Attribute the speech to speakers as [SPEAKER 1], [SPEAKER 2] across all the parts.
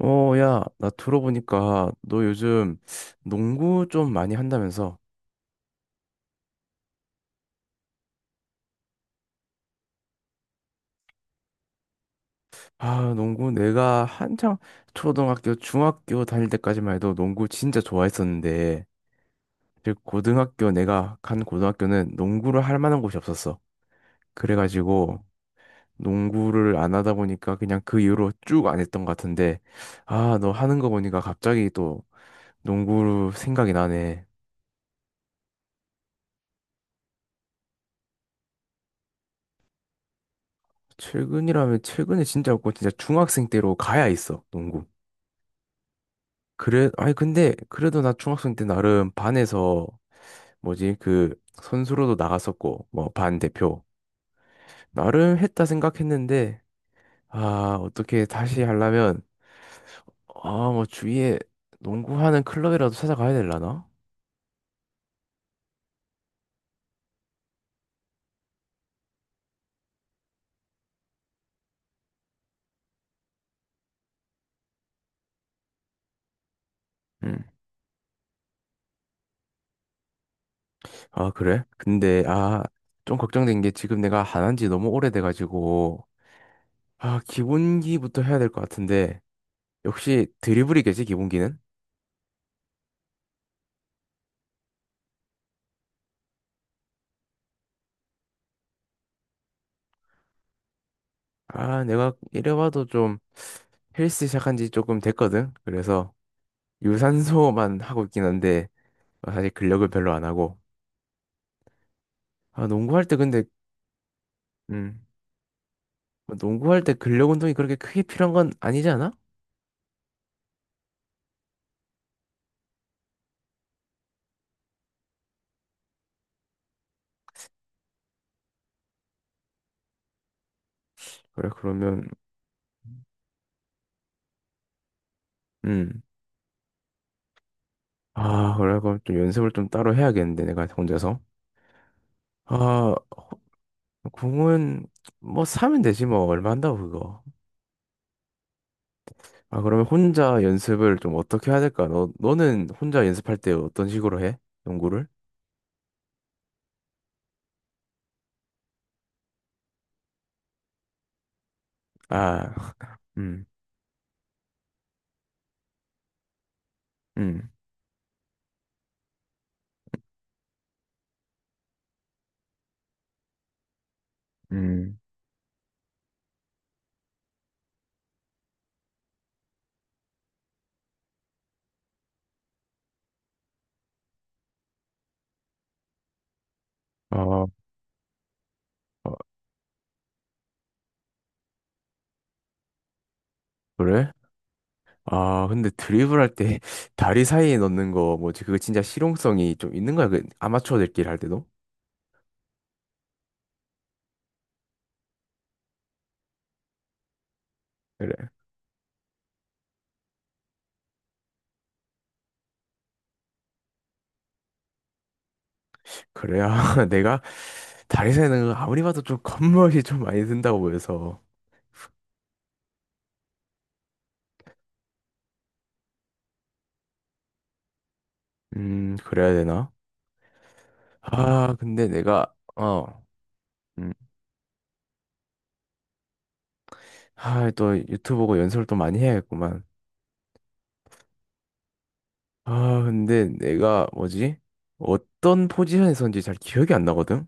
[SPEAKER 1] 어, 야, 나 들어보니까 너 요즘 농구 좀 많이 한다면서? 아, 농구 내가 한창 초등학교, 중학교 다닐 때까지만 해도 농구 진짜 좋아했었는데, 즉 고등학교 내가 간 고등학교는 농구를 할 만한 곳이 없었어. 그래가지고 농구를 안 하다 보니까 그냥 그 이후로 쭉 안 했던 것 같은데, 아, 너 하는 거 보니까 갑자기 또 농구 생각이 나네. 최근이라면 최근에 진짜 없고 진짜 중학생 때로 가야 있어, 농구. 그래, 아니, 근데, 그래도 나 중학생 때 나름 반에서, 뭐지, 그, 선수로도 나갔었고, 뭐, 반 대표. 나름 했다 생각했는데, 아, 어떻게 다시 하려면, 아, 뭐, 주위에 농구하는 클럽이라도 찾아가야 되려나? 음. 아, 그래? 근데, 아, 좀 걱정된 게 지금 내가 안 한 지 너무 오래돼가지고, 아, 기본기부터 해야 될 것 같은데, 역시 드리블이겠지, 기본기는? 아, 내가 이래봐도 좀 헬스 시작한 지 조금 됐거든. 그래서 유산소만 하고 있긴 한데 어, 사실 근력을 별로 안 하고. 아, 농구할 때 근데 음, 뭐 농구할 때 근력 운동이 그렇게 크게 필요한 건 아니지 않아? 그래, 그러면 음. 아, 그래 그럼 좀 연습을 좀 따로 해야겠는데 내가 혼자서. 아, 공은 뭐 사면 되지 뭐 얼마 한다고 그거. 아, 그러면 혼자 연습을 좀 어떻게 해야 될까? 너 너는 혼자 연습할 때 어떤 식으로 해? 농구를? 아, 음, 음, 음, 어, 어, 그래? 아, 근데 드리블할 때 다리 사이에 넣는 거 뭐지? 그거 진짜 실용성이 좀 있는 거야? 그 아마추어들끼리 할 때도? 그래. 그래야 내가 다리 사이에 넣는 거 아무리 봐도 좀 겉멋이 좀 많이 든다고 보여서. 그래야 되나? 아, 근데 음, 아, 또 유튜브 보고 연습을 또 많이 해야겠구만. 아, 근데 내가 뭐지? 어떤 포지션에서인지 잘 기억이 안 나거든?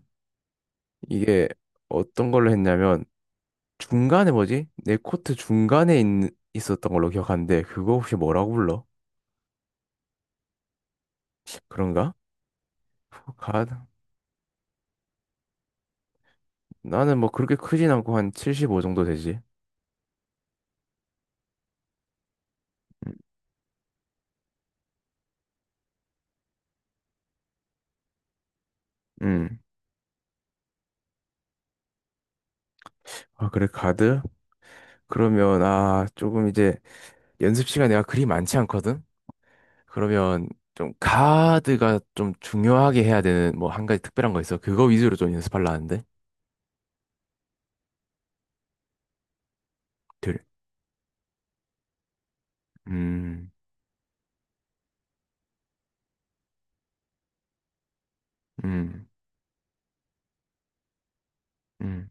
[SPEAKER 1] 이게 어떤 걸로 했냐면 중간에 뭐지? 내 코트 중간에 있었던 걸로 기억하는데 그거 혹시 뭐라고 불러? 그런가? 가드? 나는 뭐 그렇게 크진 않고 한 75 정도 되지. 음. 음. 아 그래 가드? 그러면 아 조금 이제 연습 시간 내가 그리 많지 않거든? 그러면 좀 가드가 좀 중요하게 해야 되는 뭐 한 가지 특별한 거 있어? 그거 위주로 좀 연습하려 하는데. 들. 음. 음. 음.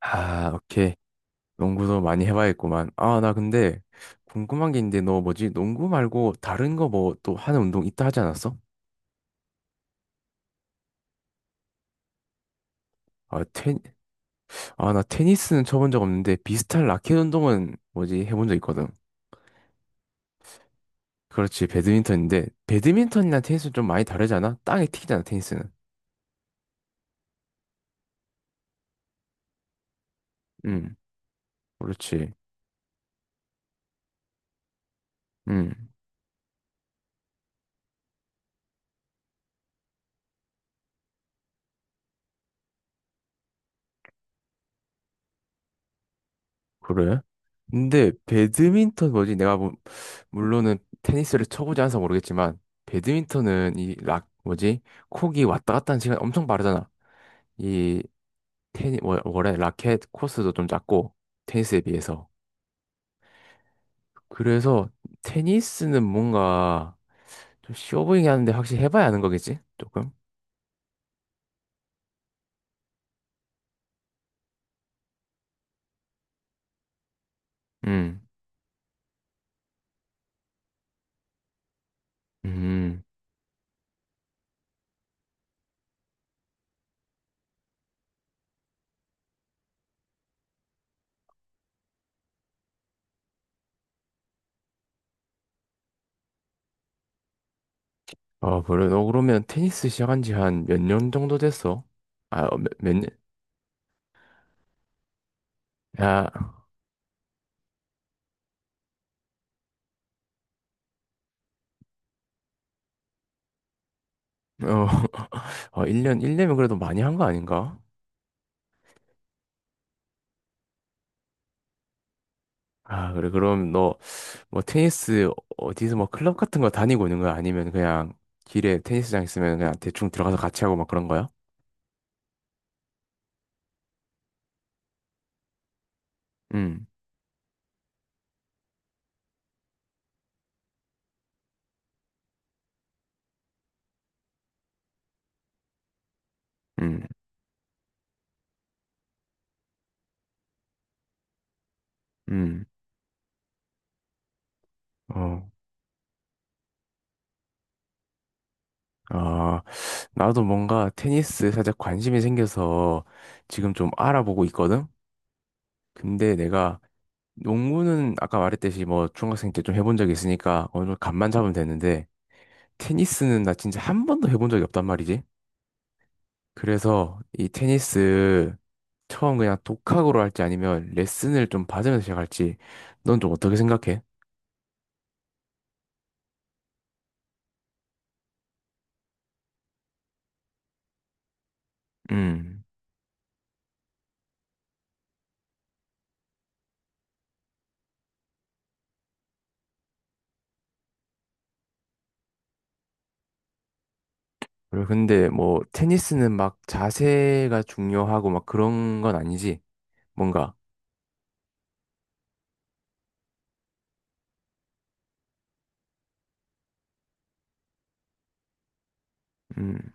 [SPEAKER 1] 아, 오케이. 농구도 많이 해봐야겠구만. 아, 나 근데 궁금한 게 있는데 너 뭐지? 농구 말고 다른 거 뭐 또 하는 운동 있다 하지 않았어? 아, 테니, 아, 나 테니스는 쳐본 적 없는데 비슷한 라켓 운동은 뭐지? 해본 적 있거든. 그렇지, 배드민턴인데 배드민턴이나 테니스는 좀 많이 다르지 않아? 땅에 튀기잖아, 테니스는. 음, 그렇지. 음, 그래? 근데 배드민턴 뭐지? 내가 뭐, 물론은 테니스를 쳐보지 않아서 모르겠지만 배드민턴은 이 락, 뭐지? 콕이 왔다 갔다 하는 시간이 엄청 빠르잖아. 이 원래 라켓 코스도 좀 작고 테니스에 비해서 그래서 테니스는 뭔가 좀 쉬워 보이긴 하는데 확실히 해봐야 하는 거겠지? 조금? 음. 음. 아, 그래. 너 그러면 테니스 시작한 지 한 몇 년 정도 됐어? 아, 어, 몇 년? 야, 어, 어, 1년이면 그래도 많이 한 거 아닌가? 아, 그래. 그럼 너 뭐 테니스 어디서 뭐 클럽 같은 거 다니고 있는 거야? 아니면 그냥 길에 테니스장 있으면 그냥 대충 들어가서 같이 하고 막 그런 거야? 음, 음, 음. 어. 아, 나도 뭔가 테니스 살짝 관심이 생겨서 지금 좀 알아보고 있거든? 근데 내가 농구는 아까 말했듯이 뭐 중학생 때 좀 해본 적이 있으니까 어느 정도 감만 잡으면 되는데 테니스는 나 진짜 한 번도 해본 적이 없단 말이지. 그래서 이 테니스 처음 그냥 독학으로 할지 아니면 레슨을 좀 받으면서 시작할지 넌 좀 어떻게 생각해? 음. 그리고 근데 뭐 테니스는 막 자세가 중요하고 막 그런 건 아니지. 뭔가 음.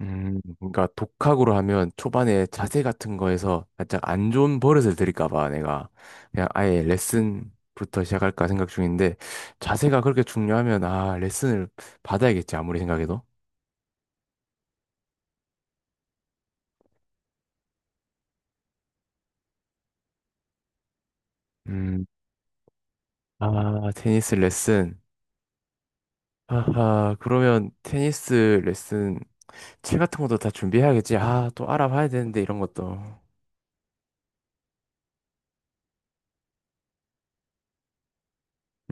[SPEAKER 1] 그러니까 독학으로 하면 초반에 자세 같은 거에서 살짝 안 좋은 버릇을 들일까 봐 내가 그냥 아예 레슨부터 시작할까 생각 중인데 자세가 그렇게 중요하면 아, 레슨을 받아야겠지 아무리 생각해도. 음. 아, 테니스 레슨. 아하, 그러면 테니스 레슨 채 같은 것도 다 준비해야겠지. 아, 또 알아봐야 되는데, 이런 것도.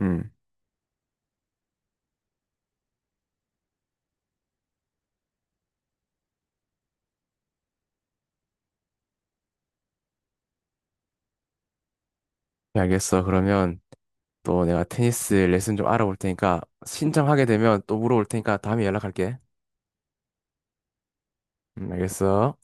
[SPEAKER 1] 음, 네, 알겠어. 그러면 또 내가 테니스 레슨 좀 알아볼 테니까 신청하게 되면 또 물어볼 테니까 다음에 연락할게. 알겠어.